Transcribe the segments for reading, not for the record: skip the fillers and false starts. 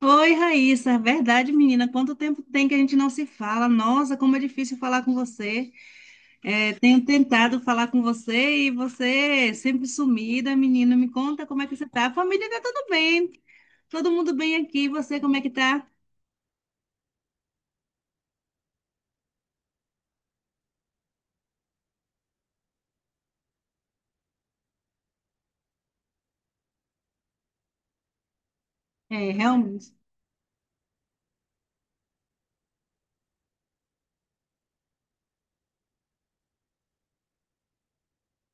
Oi, Raíssa, é verdade, menina. Quanto tempo tem que a gente não se fala? Nossa, como é difícil falar com você. É, tenho tentado falar com você e você é sempre sumida, menina. Me conta como é que você tá. A família tá tudo bem, todo mundo bem aqui. E você, como é que tá? É, realmente,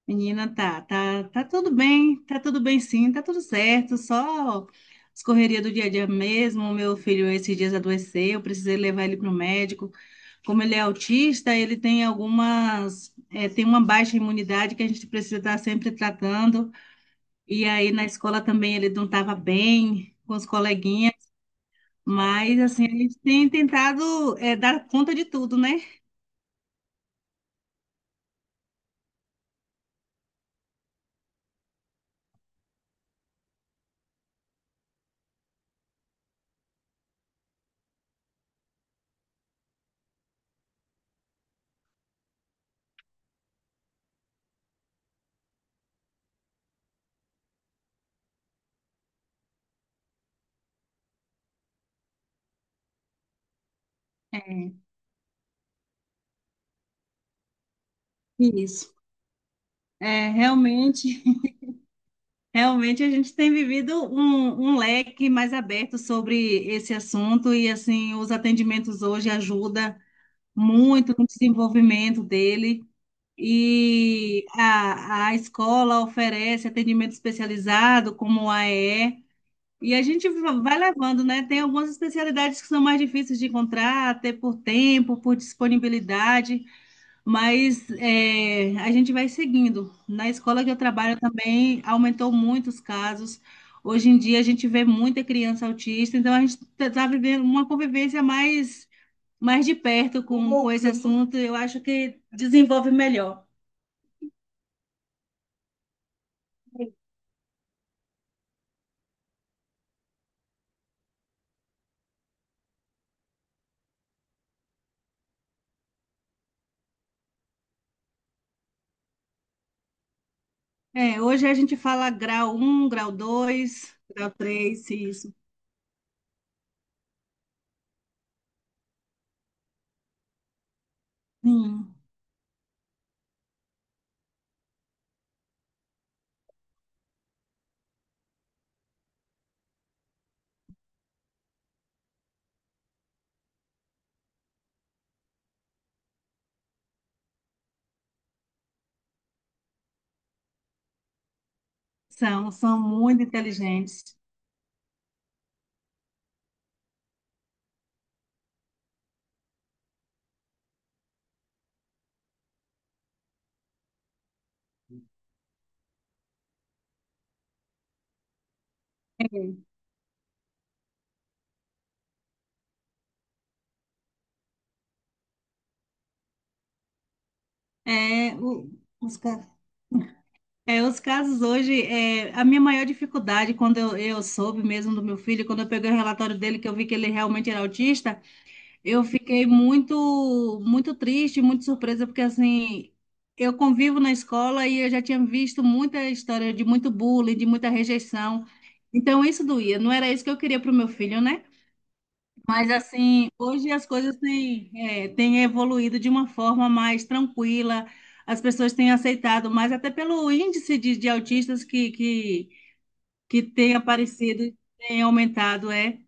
menina, tá tudo bem, tá tudo bem sim, tá tudo certo. Só as correrias do dia a dia mesmo. Meu filho esses dias adoeceu, precisei levar ele para o médico. Como ele é autista, ele tem tem uma baixa imunidade que a gente precisa estar sempre tratando. E aí na escola também ele não estava bem com os coleguinhas, mas assim, a gente tem tentado dar conta de tudo, né? É, isso. É, realmente, realmente a gente tem vivido um leque mais aberto sobre esse assunto e assim, os atendimentos hoje ajudam muito no desenvolvimento dele. E a escola oferece atendimento especializado, como o AE, e E. E a gente vai levando, né? Tem algumas especialidades que são mais difíceis de encontrar, até por tempo, por disponibilidade, mas a gente vai seguindo. Na escola que eu trabalho também aumentou muito os casos. Hoje em dia a gente vê muita criança autista, então a gente está vivendo uma convivência mais de perto com esse assunto, eu acho que desenvolve melhor. É, hoje a gente fala grau um, grau 2, grau 3, isso. Sim, são muito inteligentes. É, os, ca- os casos hoje, a minha maior dificuldade, quando eu soube mesmo do meu filho, quando eu peguei o relatório dele, que eu vi que ele realmente era autista, eu fiquei muito, muito triste, muito surpresa, porque assim. Eu convivo na escola e eu já tinha visto muita história de muito bullying, de muita rejeição. Então isso doía, não era isso que eu queria para o meu filho, né? Mas assim, hoje as coisas têm evoluído de uma forma mais tranquila, as pessoas têm aceitado, mas até pelo índice de autistas que tem aparecido, tem aumentado, é.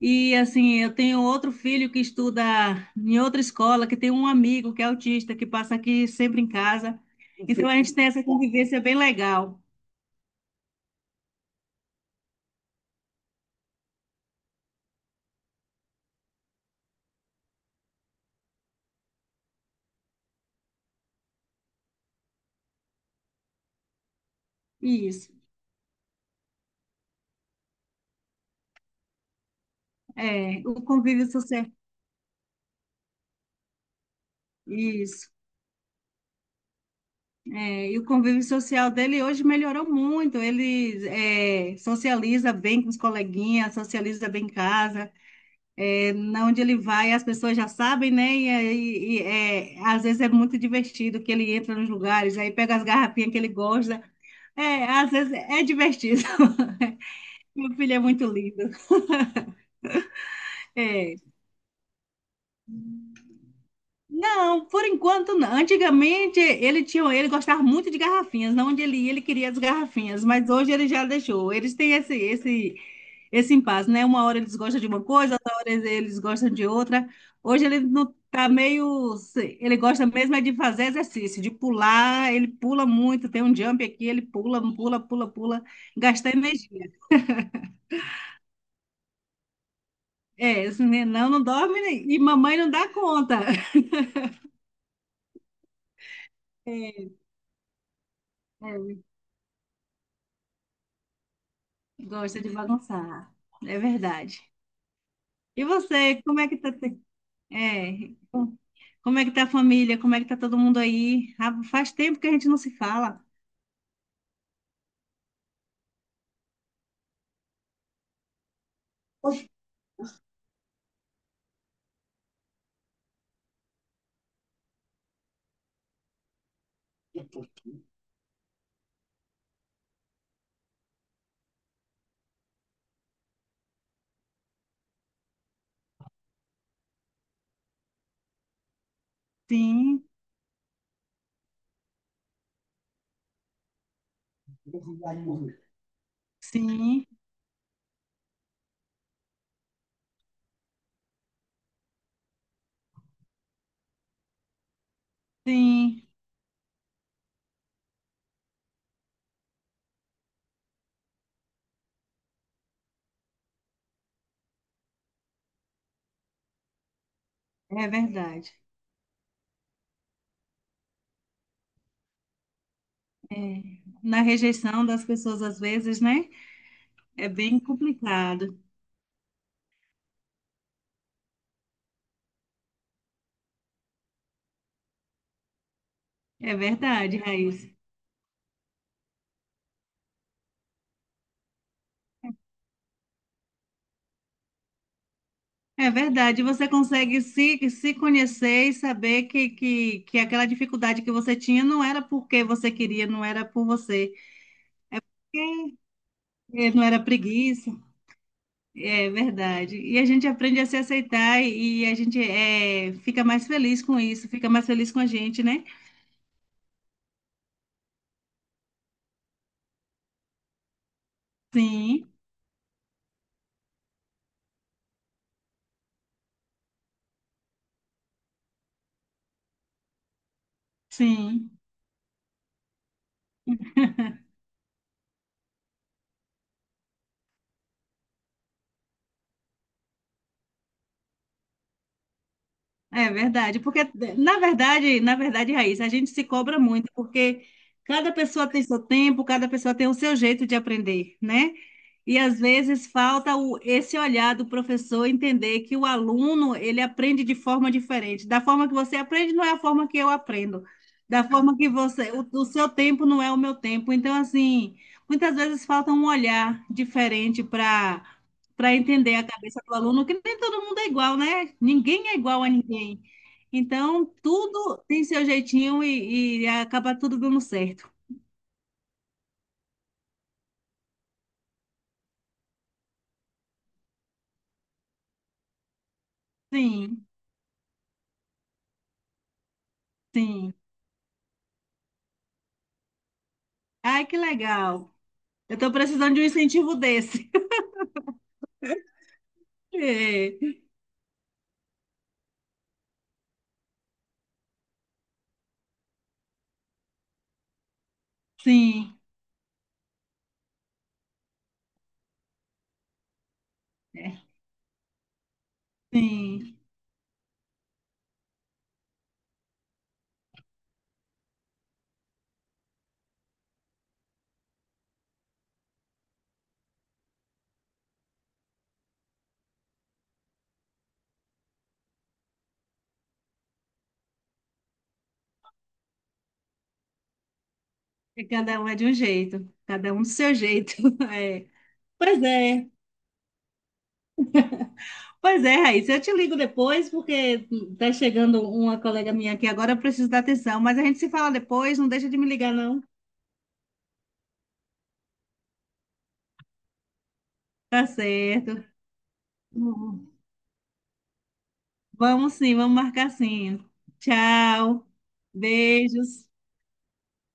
E assim, eu tenho outro filho que estuda em outra escola, que tem um amigo que é autista, que passa aqui sempre em casa. Então a gente tem essa convivência bem legal. Isso. É, o convívio social. Isso. É, e o convívio social dele hoje melhorou muito. Ele socializa bem com os coleguinhas, socializa bem em casa. É, na onde ele vai, as pessoas já sabem, né? E aí, às vezes é muito divertido que ele entra nos lugares, aí pega as garrafinhas que ele gosta. É, às vezes é divertido. Meu filho é muito lindo. É. Não, por enquanto não. Antigamente ele gostava muito de garrafinhas. Na onde ele ia, ele queria as garrafinhas, mas hoje ele já deixou. Eles têm esse impasse, né? Uma hora eles gostam de uma coisa, outra hora eles gostam de outra. Hoje ele não tá meio. Ele gosta mesmo é de fazer exercício, de pular, ele pula muito, tem um jump aqui, ele pula, pula, pula, pula, gasta energia. É, esse nenão não dorme e mamãe não dá conta. É, é, gosta de bagunçar, é verdade. E você, como é que tá? É, Como é que tá a família? Como é que tá todo mundo aí? Ah, faz tempo que a gente não se fala. Sim, sim. Sim, é verdade. É, na rejeição das pessoas, às vezes, né? É bem complicado. É verdade, Raíssa. É verdade. Você consegue se conhecer e saber que aquela dificuldade que você tinha não era porque você queria, não era por você. É, não era preguiça. É verdade. E a gente aprende a se aceitar e a gente fica mais feliz com isso, fica mais feliz com a gente, né? Sim, sim. É verdade, porque na verdade, Raíssa, a gente se cobra muito, porque cada pessoa tem seu tempo, cada pessoa tem o seu jeito de aprender, né? E às vezes falta esse olhar do professor entender que o aluno ele aprende de forma diferente. Da forma que você aprende não é a forma que eu aprendo. Da forma que você, o seu tempo não é o meu tempo. Então, assim, muitas vezes falta um olhar diferente para entender a cabeça do aluno, que nem todo mundo é igual, né? Ninguém é igual a ninguém. Então, tudo tem seu jeitinho e acaba tudo dando certo. Sim, sim. Ai, que legal. Eu tô precisando de um incentivo desse. É, sim, é, sim. É, cada um é de um jeito, cada um do seu jeito. É. Pois é, pois é, Raíssa. Eu te ligo depois, porque tá chegando uma colega minha aqui agora, eu preciso da atenção. Mas a gente se fala depois, não deixa de me ligar, não. Tá certo. Vamos sim, vamos marcar sim. Tchau, beijos.